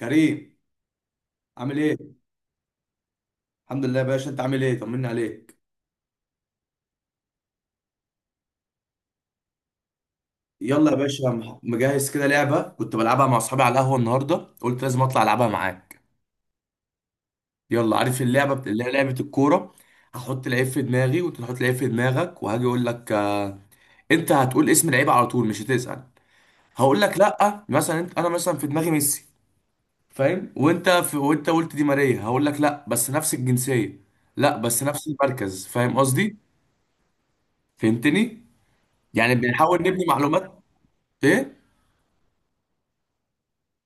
كريم. عامل ايه؟ الحمد لله يا باشا، انت عامل ايه؟ طمني عليك. يلا يا باشا، مجهز كده لعبة كنت بلعبها مع اصحابي على القهوة النهاردة، قلت لازم اطلع العبها معاك. يلا، عارف اللعبة اللي هي لعبة الكورة. هحط لعيب في دماغي وانت تحط لعيب في دماغك، وهاجي اقول لك آه، انت هتقول اسم لعيب على طول مش هتسأل. هقول لك لا. مثلا انت، انا مثلا في دماغي ميسي، فاهم؟ وانت قلت دي ماريا، هقول لك لا بس نفس الجنسية. لا بس نفس المركز، فاهم قصدي؟ فهمتني؟ يعني بنحاول نبني معلومات. ايه؟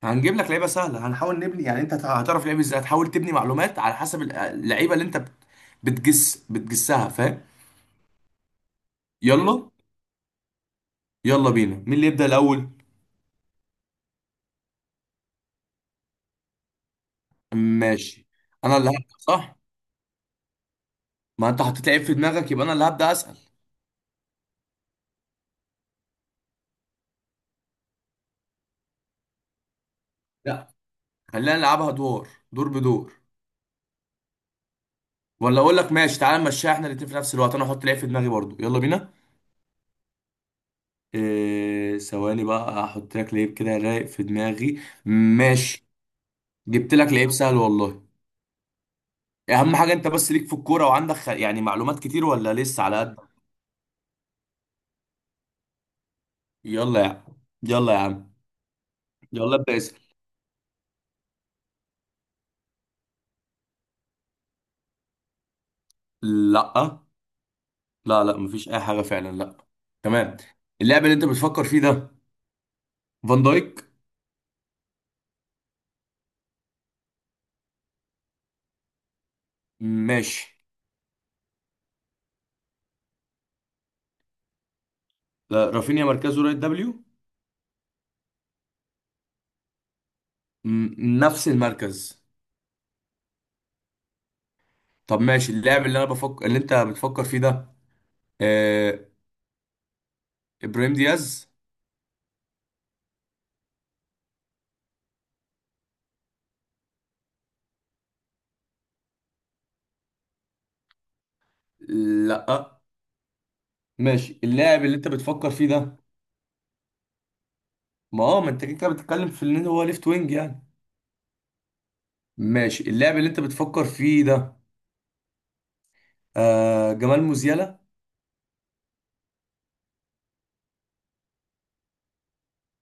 هنجيب لك لعيبه سهله، هنحاول نبني، يعني انت هتعرف لعيب ازاي، هتحاول تبني معلومات على حسب اللعيبه اللي انت بتجسها، فاهم. يلا. يلا بينا، مين اللي يبدا الاول؟ ماشي. انا اللي هبدا صح، ما انت حطيت لعيب في دماغك، يبقى انا اللي هبدا اسال. لا، خلينا نلعبها ادوار، دور بدور. ولا اقول لك، ماشي تعالى نمشيها احنا الاتنين في نفس الوقت، انا احط لعيب في دماغي برضو. يلا بينا. إيه، ثواني بقى احط لك لعيب كده رايق في دماغي. ماشي. جبت لك لعيب سهل والله. اهم حاجه انت بس ليك في الكوره وعندك يعني معلومات كتير، ولا لسه على قد. يلا يا عم. يلا يا عم. يلا ابدا اسال. لا. لا لا، مفيش اي حاجه فعلا، لا. تمام. اللاعب اللي انت بتفكر فيه ده فان دايك؟ ماشي. لا، رافينيا مركزه رايت دبليو. نفس المركز. طب ماشي، اللاعب اللي انا بفكر اللي انت بتفكر فيه ده آه... ابراهيم دياز؟ لا. ماشي، اللاعب اللي انت بتفكر فيه ده؟ ما هو ما انت كده كده بتتكلم في ان هو ليفت وينج يعني. ماشي، اللاعب اللي انت بتفكر فيه ده جمال موزيالا؟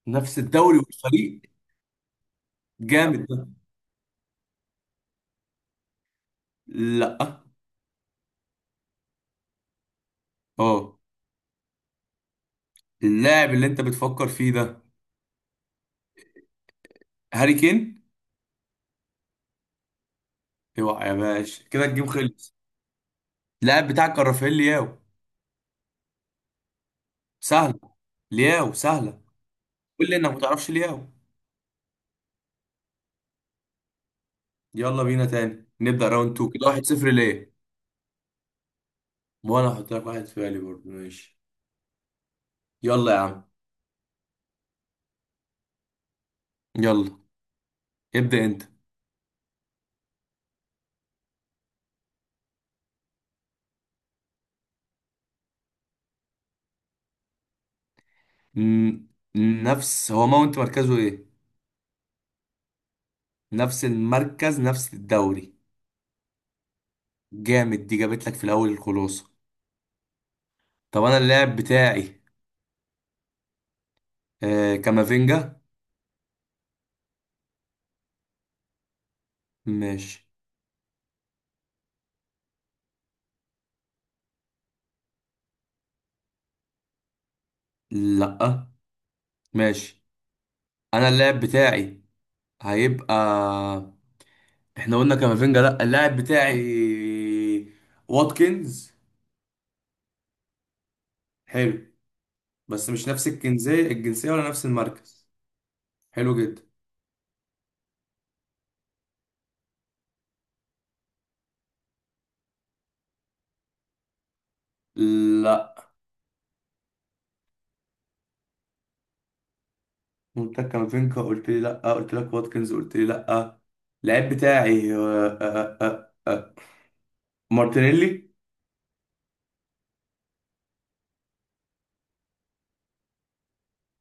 نفس الدوري والفريق. جامد ده. لا. اه. اللاعب اللي انت بتفكر فيه ده هاري كين؟ اوعى يا باشا كده الجيم خلص. اللاعب بتاعك كان رافائيل لياو. سهلة. لياو سهلة. قول لي انك ما تعرفش لياو. يلا بينا تاني نبدأ راوند 2 كده. 1-0 ليه. وانا هحط لك واحد في بالي برضه، ماشي. يلا يا عم. يلا. ابدأ انت. ن- نفس، هو ماونت مركزه ايه؟ نفس المركز نفس الدوري. جامد دي، جابت لك في الاول الخلاصه. طب انا اللاعب بتاعي كامافينجا. ماشي. لا ماشي. انا اللاعب بتاعي هيبقى، احنا قلنا كامافينجا لا، اللاعب بتاعي واتكنز. حلو، بس مش نفس الجنسيه، الجنسيه ولا نفس المركز. حلو جدا. لا. قلت لك كامافينجا قلت لي لا، قلت لك واتكنز قلت لي لا. اللاعب بتاعي مارتينيلي.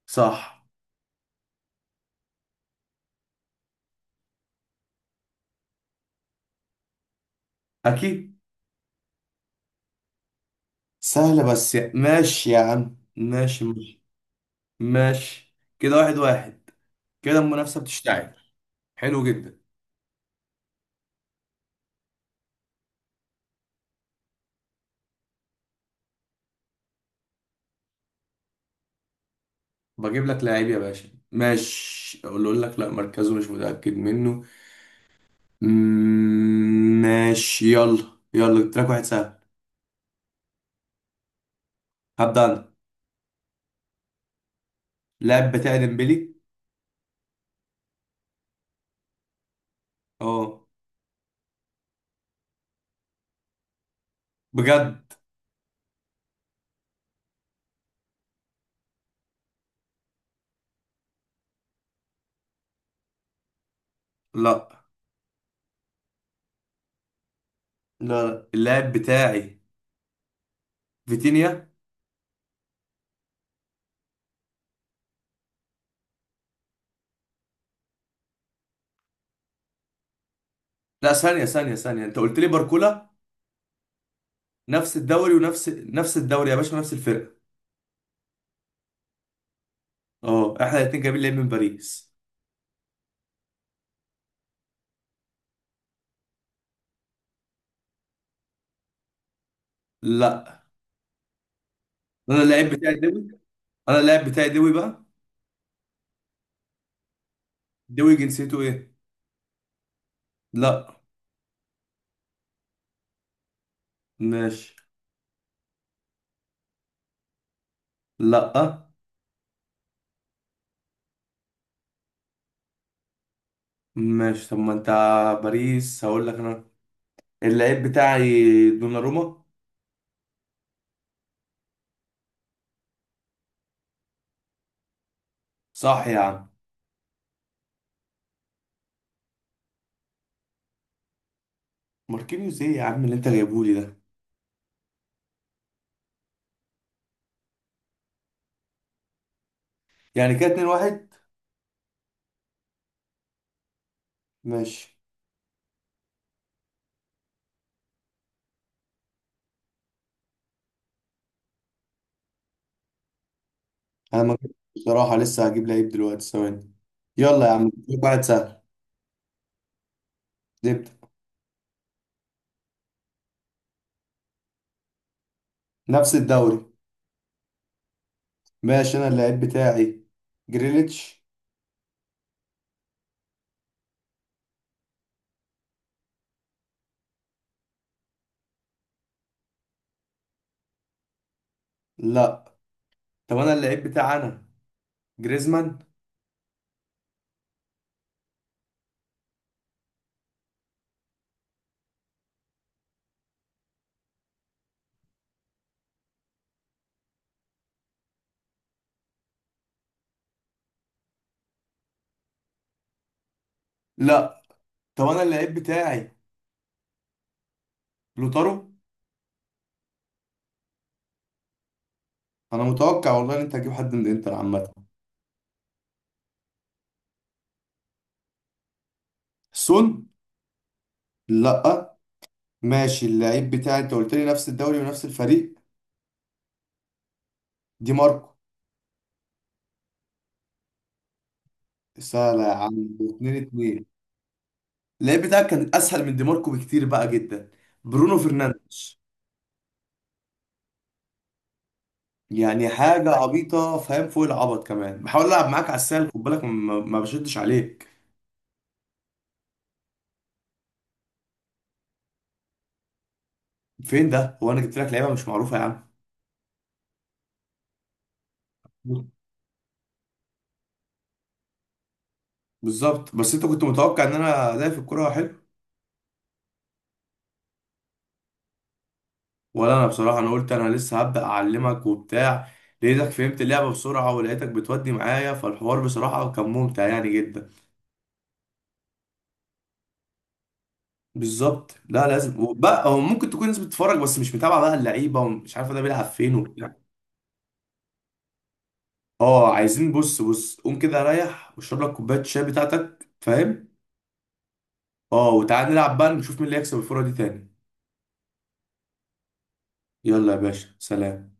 صح. اكيد. سهلة، بس ماشي يا عم، ماشي ماشي. ماشي كده، واحد واحد. كده المنافسة بتشتعل. حلو جدا. بجيب لك لعيب يا باشا، ماشي. اقول لك لا مركزه مش متأكد منه. ماشي يلا. يلا، جبت لك واحد سهل. هبدأ انا. اللاعب بتاعي ديمبلي. اه. بجد. لا. لا اللاعب بتاعي فيتينيا. لا ثانية ثانية ثانية، انت قلت لي باركولا. نفس الدوري نفس الدوري يا باشا، نفس الفرقة. اه احنا الاتنين جايبين لعيب من باريس. لا انا اللاعب بتاعي دوي. انا اللاعب بتاعي دوي بقى. دوي جنسيته ايه؟ لا. ماشي. لا. ماشي، طب ما انت باريس، هقول لك انا اللاعب بتاعي دوناروما. صح يا عم. ماركينيوس؟ ايه يا عم اللي انت جايبهولي ده. يعني كده 2-1. ماشي. انا ما جبتش بصراحة، لسه هجيب لعيب دلوقتي، ثواني. يلا يا عم جيب واحد سهل. جبت. نفس الدوري. ماشي، انا اللاعب بتاعي جريليتش. لا. طب انا اللعيب بتاعي انا جريزمان. لا. طب انا اللعيب بتاعي لوتارو. انا متوقع والله ان انت هتجيب حد من الانتر عامه. سون؟ لا. ماشي، اللعيب بتاعي انت قلت لي نفس الدوري ونفس الفريق، دي ماركو. سهله يا عم، اتنين اتنين. اللعيب بتاعك كان اسهل من دي ماركو بكتير بقى جدا، برونو فرنانديز. يعني حاجه عبيطه، فاهم، فوق العبط كمان، بحاول العب معاك على السهل، خد بالك، ما بشدش عليك. فين ده، هو انا جبت لك لعيبه مش معروفه يا عم. بالظبط، بس انت كنت متوقع ان انا ادائي في الكوره حلو. ولا انا بصراحه، انا قلت انا لسه هبدا اعلمك وبتاع. لقيتك فهمت اللعبه بسرعه، ولقيتك بتودي معايا، فالحوار بصراحه كان ممتع يعني جدا. بالظبط. لا لازم، وبقى هو ممكن تكون ناس بتتفرج بس مش متابعه بقى اللعيبه، ومش عارفه ده بيلعب فين وبتاع. اه، عايزين بص بص، قوم كده ريح واشرب لك كوبايه الشاي بتاعتك، فاهم. اه وتعال نلعب بقى، نشوف مين اللي هيكسب الفوره دي تاني. يلا يا باشا، سلام.